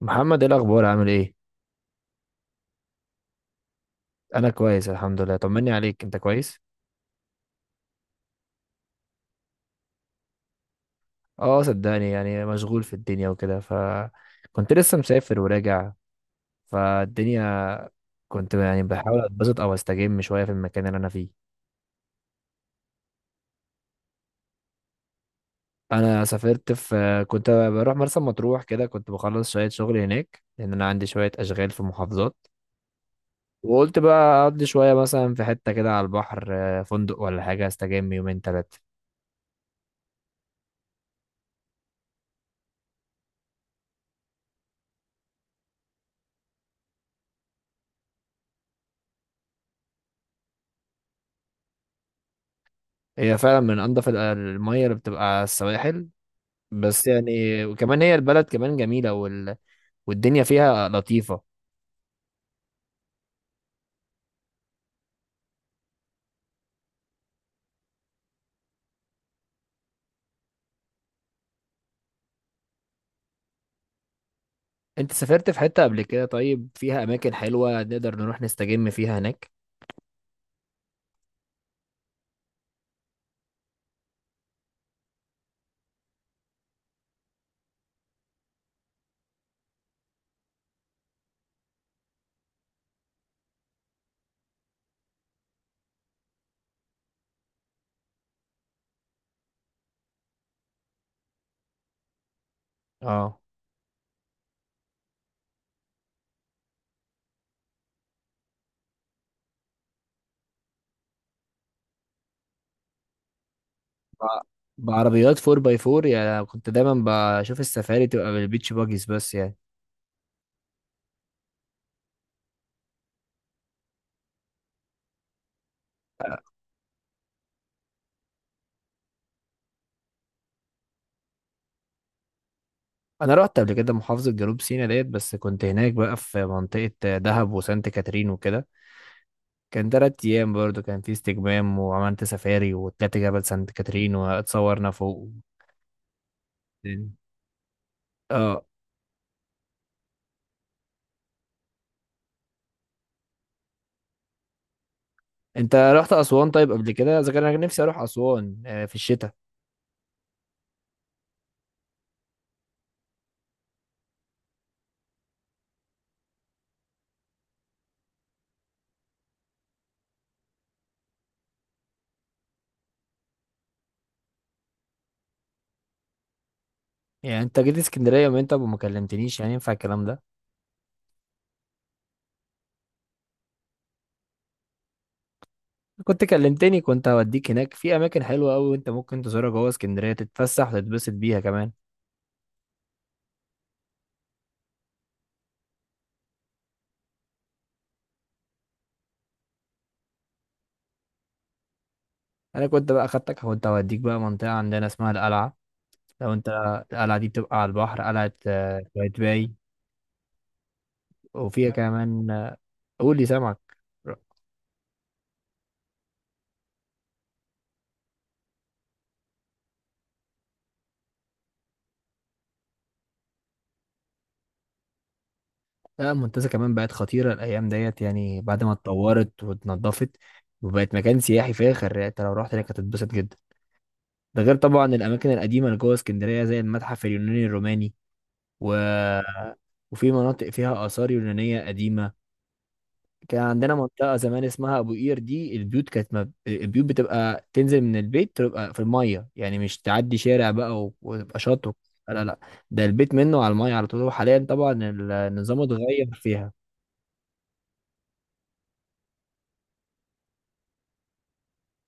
محمد، ايه الاخبار؟ عامل ايه؟ انا كويس الحمد لله، طمني عليك، انت كويس؟ اه، صدقني يعني مشغول في الدنيا وكده. كنت لسه مسافر وراجع فالدنيا. كنت يعني بحاول اتبسط او استجم شويه في المكان اللي انا فيه. انا سافرت في كنت بروح مرسى مطروح كده، كنت بخلص شويه شغل هناك لان انا عندي شويه اشغال في محافظات. وقلت بقى اقضي شويه مثلا في حته كده على البحر، فندق ولا حاجه استجم يومين ثلاثه. هي فعلا من انضف المية اللي بتبقى على السواحل. بس يعني وكمان هي البلد كمان جميلة والدنيا فيها لطيفة. انت سافرت في حتة قبل كده؟ طيب فيها اماكن حلوة نقدر نروح نستجم فيها هناك؟ اه، بع- بعربيات 4 باي 4، يعني كنت دايما بشوف السفاري تبقى بالبيتش باجيز بس يعني. انا رحت قبل كده محافظة جنوب سيناء ديت، بس كنت هناك بقى في منطقة دهب وسانت كاترين وكده. كان 3 ايام برضو، كان في استجمام وعملت سفاري وطلعت جبل سانت كاترين واتصورنا فوق. اه. انت رحت اسوان طيب قبل كده؟ اذا كان انا نفسي اروح اسوان في الشتاء. يعني انت جيت اسكندريه يوم انت ما كلمتنيش؟ يعني ينفع الكلام ده؟ كنت كلمتني كنت هوديك هناك في اماكن حلوه قوي انت ممكن تزورها جوه اسكندريه تتفسح وتتبسط بيها كمان. انا كنت بقى خدتك كنت هوديك بقى منطقه عندنا اسمها القلعه. لو انت، القلعه دي بتبقى على البحر قلعه قايتباي. وفيها كمان قول لي، سامعك؟ لا، المنتزه كمان بقت خطيره الايام ديت يعني بعد ما اتطورت واتنضفت. وبقت مكان سياحي فاخر، يعني انت لو رحت هناك هتتبسط جدا. ده غير طبعا الاماكن القديمه اللي جوه اسكندريه زي المتحف اليوناني الروماني و... وفي مناطق فيها اثار يونانيه قديمه. كان عندنا منطقه زمان اسمها ابو قير، دي البيوت كانت البيوت بتبقى تنزل من البيت تبقى في الميه، يعني مش تعدي شارع بقى وتبقى شاطئ. لا، لا، لا، ده البيت منه على الميه على طول، وحاليا طبعا النظام اتغير فيها.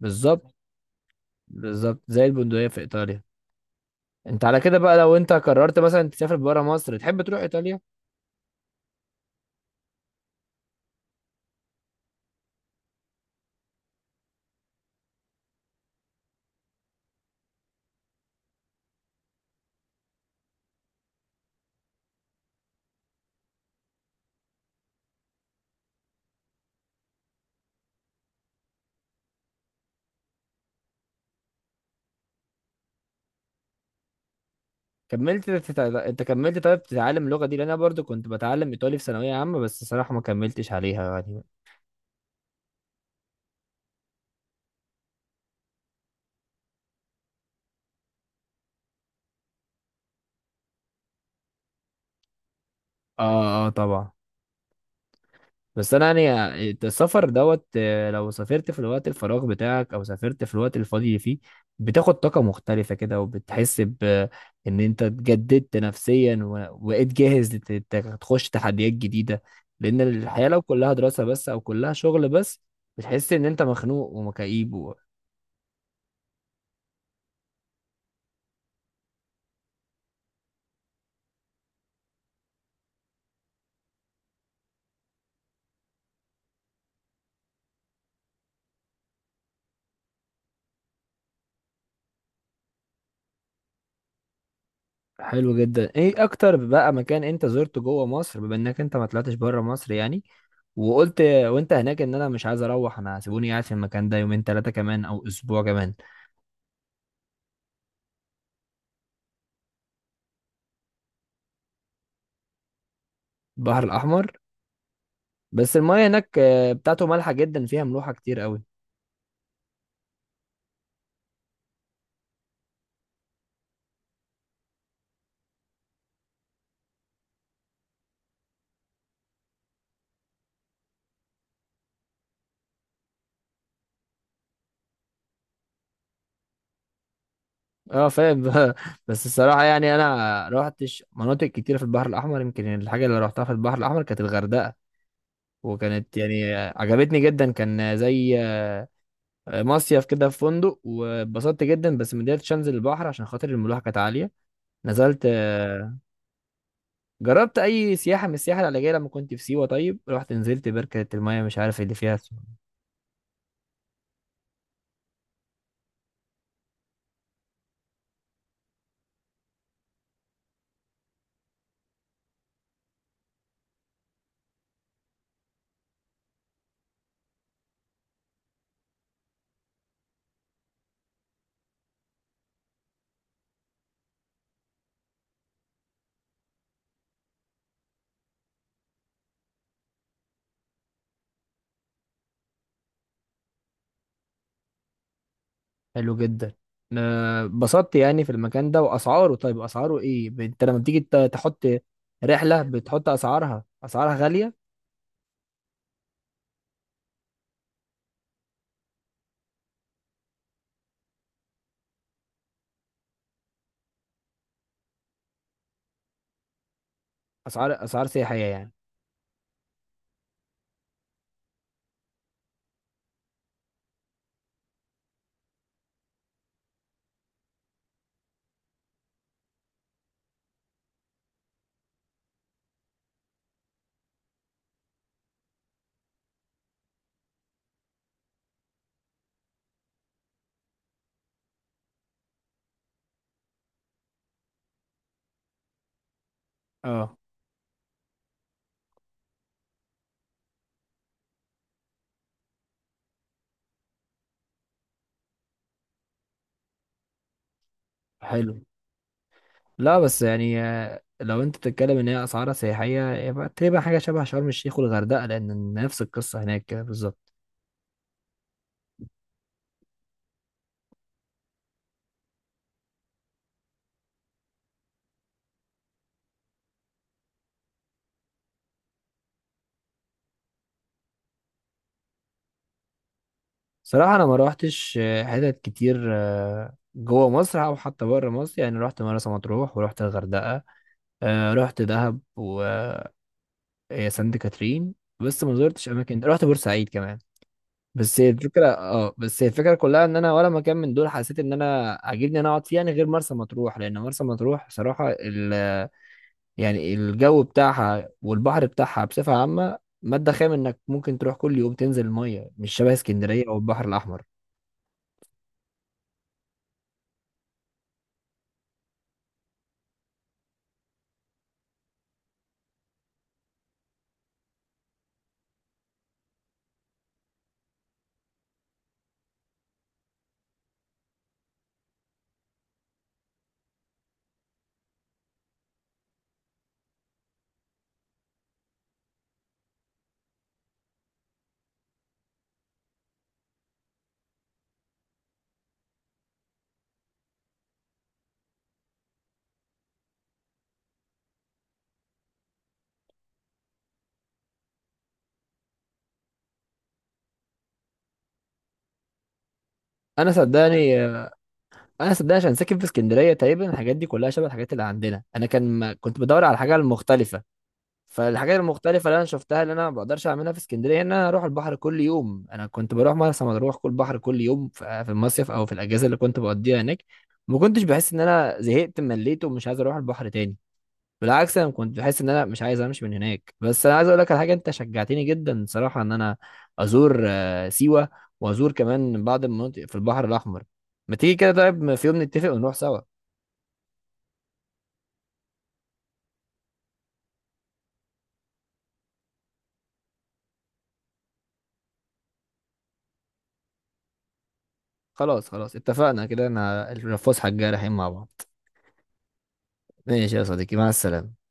بالظبط. بالظبط زي البندقية في إيطاليا. أنت على كده بقى، لو أنت قررت مثلا تسافر برا مصر تحب تروح إيطاليا؟ أنت كملت طيب تتعلم اللغة دي؟ لأن أنا برضو كنت بتعلم إيطالي في ثانوية عامة بس الصراحة ما كملتش عليها يعني. آه، آه، طبعا. بس انا يعني السفر دوت، لو سافرت في الوقت الفراغ بتاعك او سافرت في الوقت الفاضي اللي فيه بتاخد طاقة مختلفة كده وبتحس ان انت اتجددت نفسيا وبقيت جاهز تخش تحديات جديدة. لان الحياة لو كلها دراسة بس او كلها شغل بس بتحس ان انت مخنوق ومكئيب. حلو جدا، ايه اكتر بقى مكان انت زرته جوه مصر بما انك انت ما طلعتش بره مصر يعني؟ وقلت وانت هناك ان انا مش عايز اروح، انا سيبوني قاعد في المكان ده يومين ثلاثه كمان او اسبوع كمان. البحر الاحمر. بس المايه هناك بتاعته مالحه جدا فيها ملوحه كتير قوي. اه، فاهم. بس الصراحه يعني انا روحتش مناطق كتيره في البحر الاحمر، يمكن الحاجه اللي روحتها في البحر الاحمر كانت الغردقه. وكانت يعني عجبتني جدا، كان زي مصيف كده في فندق واتبسطت جدا بس ما قدرتش انزل البحر عشان خاطر الملوحه كانت عاليه. نزلت، جربت اي سياحه من السياحه العلاجيه لما كنت في سيوه، طيب رحت نزلت بركه المايه مش عارف اللي فيها اسمه. حلو جدا. اتبسطت يعني في المكان ده واسعاره، طيب اسعاره ايه؟ انت لما بتيجي تحط رحله بتحط اسعارها غاليه. اسعار سياحيه يعني. اه، حلو. لا بس يعني لو انت بتتكلم ان هي اسعارها سياحيه يبقى تقريبا حاجه شبه شرم الشيخ والغردقه لان نفس القصه هناك كده بالظبط. صراحة أنا ما روحتش حتت كتير جوه مصر أو حتى بره مصر، يعني روحت مرسى مطروح ورحت الغردقة. روحت دهب وسانت كاترين بس ما زرتش أماكن، روحت بورسعيد كمان. بس هي الفكرة كلها إن أنا ولا مكان من دول حسيت إن أنا عاجبني إن أنا أقعد فيه يعني غير مرسى مطروح، لأن مرسى مطروح صراحة يعني الجو بتاعها والبحر بتاعها بصفة عامة مادة خام، إنك ممكن تروح كل يوم تنزل المية، مش شبه اسكندرية أو البحر الأحمر. انا صدقني، انا صدق عشان ساكن في اسكندريه تقريبا الحاجات دي كلها شبه الحاجات اللي عندنا، انا كان ما كنت بدور على الحاجه المختلفه. فالحاجات المختلفه اللي انا شفتها اللي انا ما بقدرش اعملها في اسكندريه، ان انا اروح البحر كل يوم، انا كنت بروح مرسى مطروح كل بحر كل يوم في المصيف او في الاجازه اللي كنت بقضيها هناك. ما كنتش بحس ان انا زهقت مليت ومش عايز اروح البحر تاني. بالعكس انا كنت بحس ان انا مش عايز امشي من هناك، بس انا عايز اقول لك على حاجه، انت شجعتني جدا صراحه ان انا ازور سيوه وازور كمان بعض المناطق في البحر الاحمر. ما تيجي كده طيب في يوم نتفق ونروح سوا؟ خلاص، خلاص، اتفقنا كده، انا الفسحه الجايه رايحين مع بعض. ماشي يا صديقي، مع السلامه.